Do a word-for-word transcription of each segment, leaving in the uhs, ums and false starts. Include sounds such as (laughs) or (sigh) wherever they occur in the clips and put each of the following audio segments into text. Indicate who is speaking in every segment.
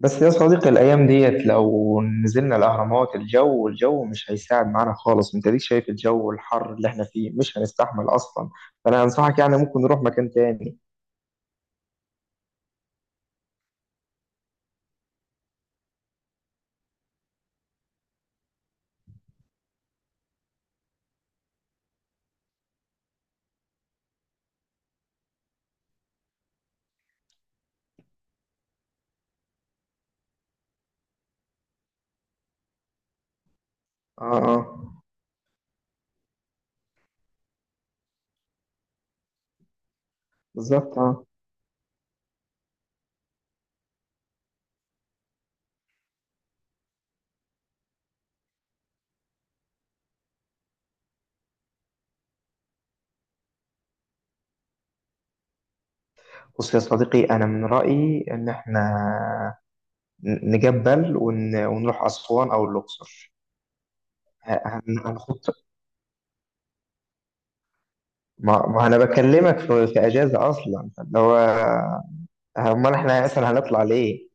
Speaker 1: بس يا صديقي الأيام ديت لو نزلنا الأهرامات، الجو الجو مش هيساعد معانا خالص. أنت ليك شايف الجو الحر اللي إحنا فيه، مش هنستحمل أصلا. فأنا أنصحك يعني ممكن نروح مكان تاني. آه آه. بالظبط آه. بص يا صديقي، أنا من رأيي إن إحنا ن- نجبل ون... ونروح أسوان أو الأقصر. ه- هن- هنخط. ما... ما أنا بكلمك في... في أجازة أصلا اللي هو أمال إحنا أصلا هنطلع ليه؟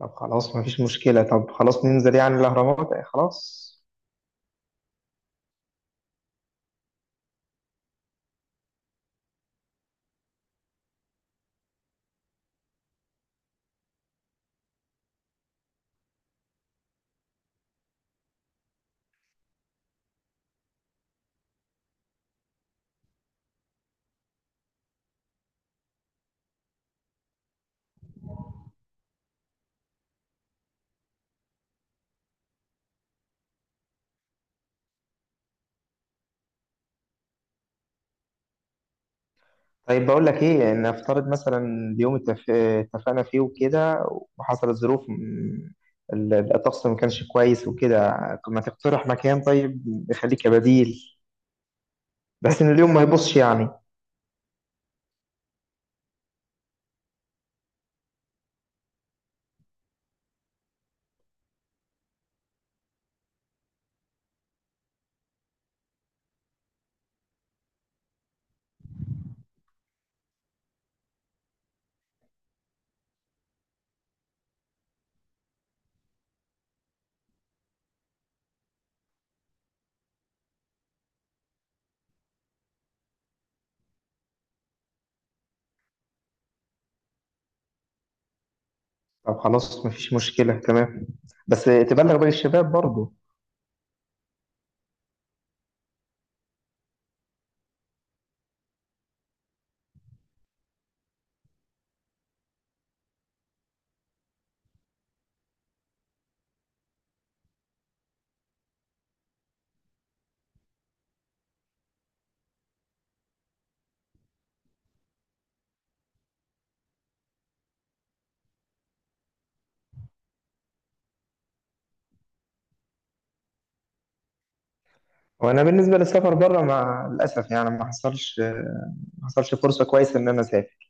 Speaker 1: طب خلاص مفيش مشكلة، طب خلاص ننزل يعني الأهرامات، آه، خلاص. طيب بقول لك إيه، يعني نفترض مثلا اليوم اتف- اتفقنا فيه وكده، وحصلت ظروف م- ال- الطقس ما كانش كويس وكده. ما تقترح مكان طيب يخليك كبديل، بس إن اليوم ما يبصش يعني. طب خلاص مفيش مشكلة، تمام. بس تبلغ باقي الشباب برضه. وأنا بالنسبة للسفر بره مع الأسف يعني ما حصلش، ما حصلش فرصة كويسة إن أنا أسافر.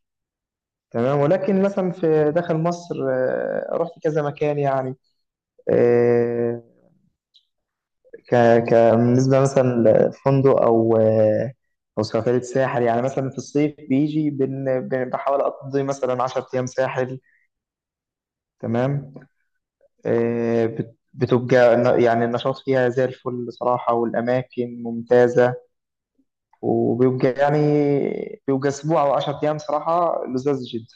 Speaker 1: تمام، ولكن مثلا في داخل مصر آه، رحت كذا مكان يعني. آه، ك ك بالنسبه مثلا لفندق او آه، او سفريه ساحل، يعني مثلا في الصيف بيجي بن بن- بحاول اقضي مثلا عشرة ايام ساحل. تمام. آه، بت- بتبقى الن- يعني النشاط فيها زي الفل بصراحه، والاماكن ممتازه. وبيبقى يعني بيبقى اسبوع او عشر ايام صراحه لذاذ جدا.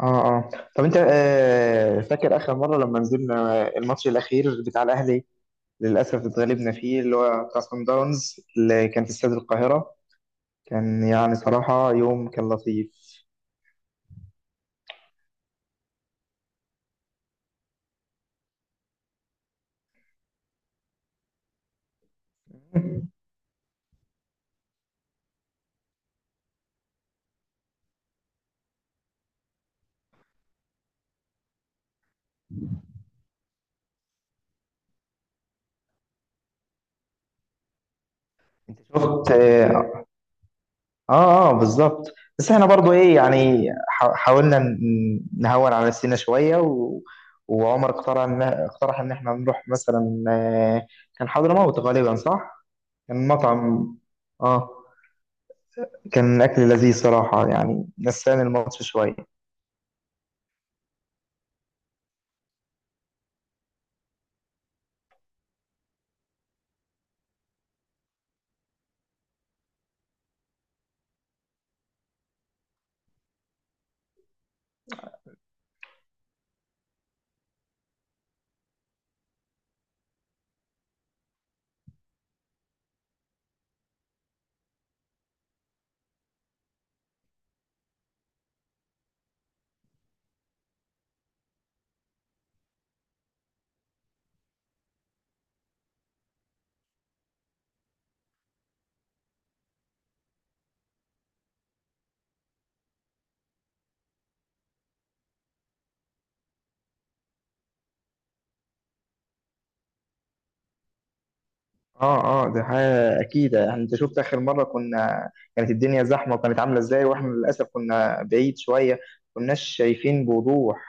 Speaker 1: اه اه. طب انت آه فاكر اخر مره لما نزلنا الماتش الاخير بتاع الاهلي؟ للاسف اتغلبنا فيه، اللي هو بتاع صن داونز اللي كان في استاد القاهره. كان يعني صراحه يوم كان لطيف. (laughs) انت شفت. اه اه اه، بالظبط. بس احنا برضو ايه يعني حا- حاولنا ن- نهون على نفسنا شويه و... وعمر اقترح ان اقترح ان احنا نروح مثلا، آه، كان حضرموت غالبا، صح؟ كان مطعم. اه، كان أكل لذيذ صراحة، يعني نساني الماتش شوية. اه اه، دي حاجة أكيد يعني. أنت شفت آخر مرة كنا، كانت الدنيا زحمة وكانت عاملة إزاي، وإحنا للأسف كنا بعيد شوية، كناش شايفين بوضوح.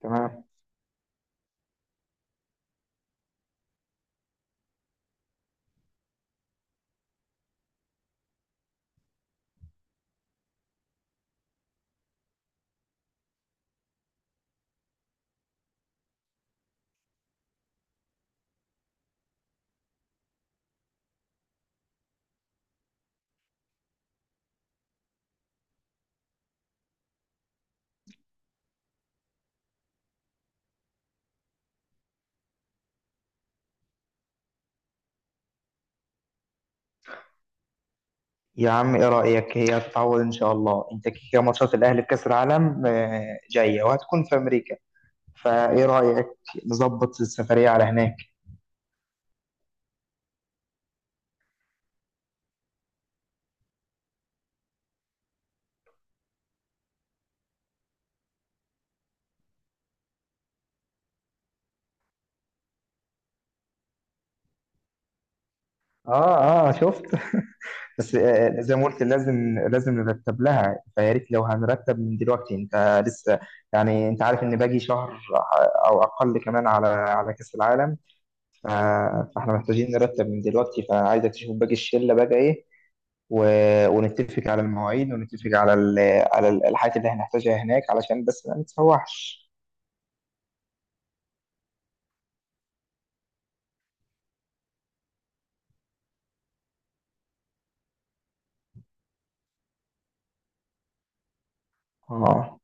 Speaker 1: تمام. يا عم إيه رأيك؟ هي هتتعوض إن شاء الله. أنت كده كده ماتشات الأهلي في كأس العالم آه، جاية وهتكون في أمريكا، فإيه رأيك نظبط السفرية على هناك؟ اه اه شفت. (laughs) بس آه، آه، زي ما قلت لازم لازم نرتب لها، فيا ريت لو هنرتب من دلوقتي. انت لسه يعني انت عارف ان باقي شهر او اقل كمان على على كاس العالم. ف- فاحنا محتاجين نرتب من دلوقتي، فعايزك تشوف باقي الشله بقى ايه، و- ونتفق على المواعيد، ونتفق على ال- على ال- الحاجات اللي هنحتاجها هناك علشان بس ما نتسوحش. اه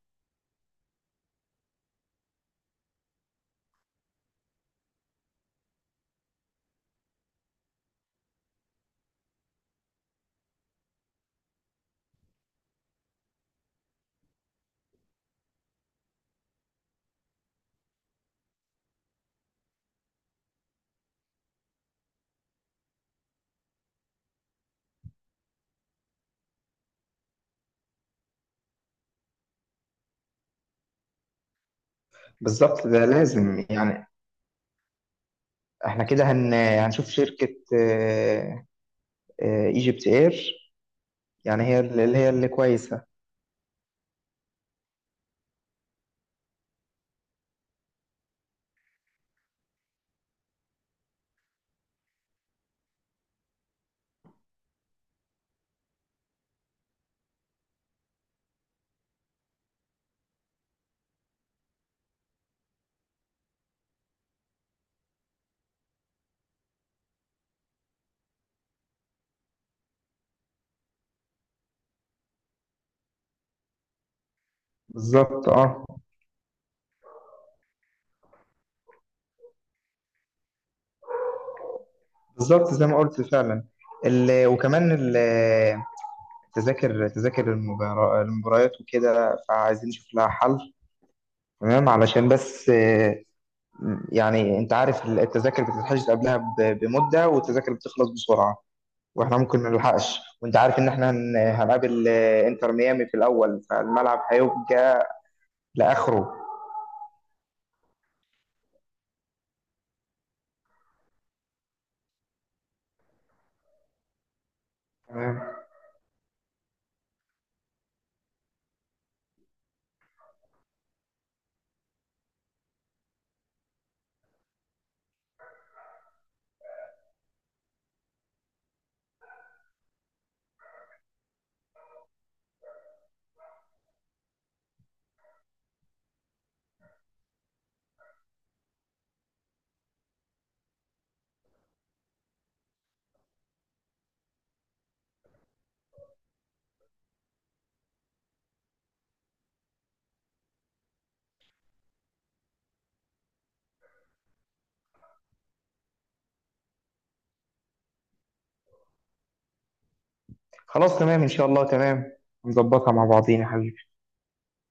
Speaker 1: بالظبط، ده لازم يعني. احنا كده هن هنشوف شركة ايجيبت اير، يعني هي اللي اللي هي اللي كويسة. بالظبط اه. بالظبط زي ما قلت فعلا. ال... وكمان ال- تذاكر تذاكر المبارا- المباريات وكده، فعايزين نشوف لها حل. تمام علشان بس آه، يعني انت عارف التذاكر بتتحجز قبلها ب- بمدة، والتذاكر بتخلص بسرعة، واحنا ممكن ما نلحقش. وانت عارف ان احنا هن- هنقابل آه، انتر ميامي في الاول، فالملعب هيبقى لاخره. تمام خلاص، تمام ان شاء الله، تمام نظبطها مع بعضينا يا حبيبي.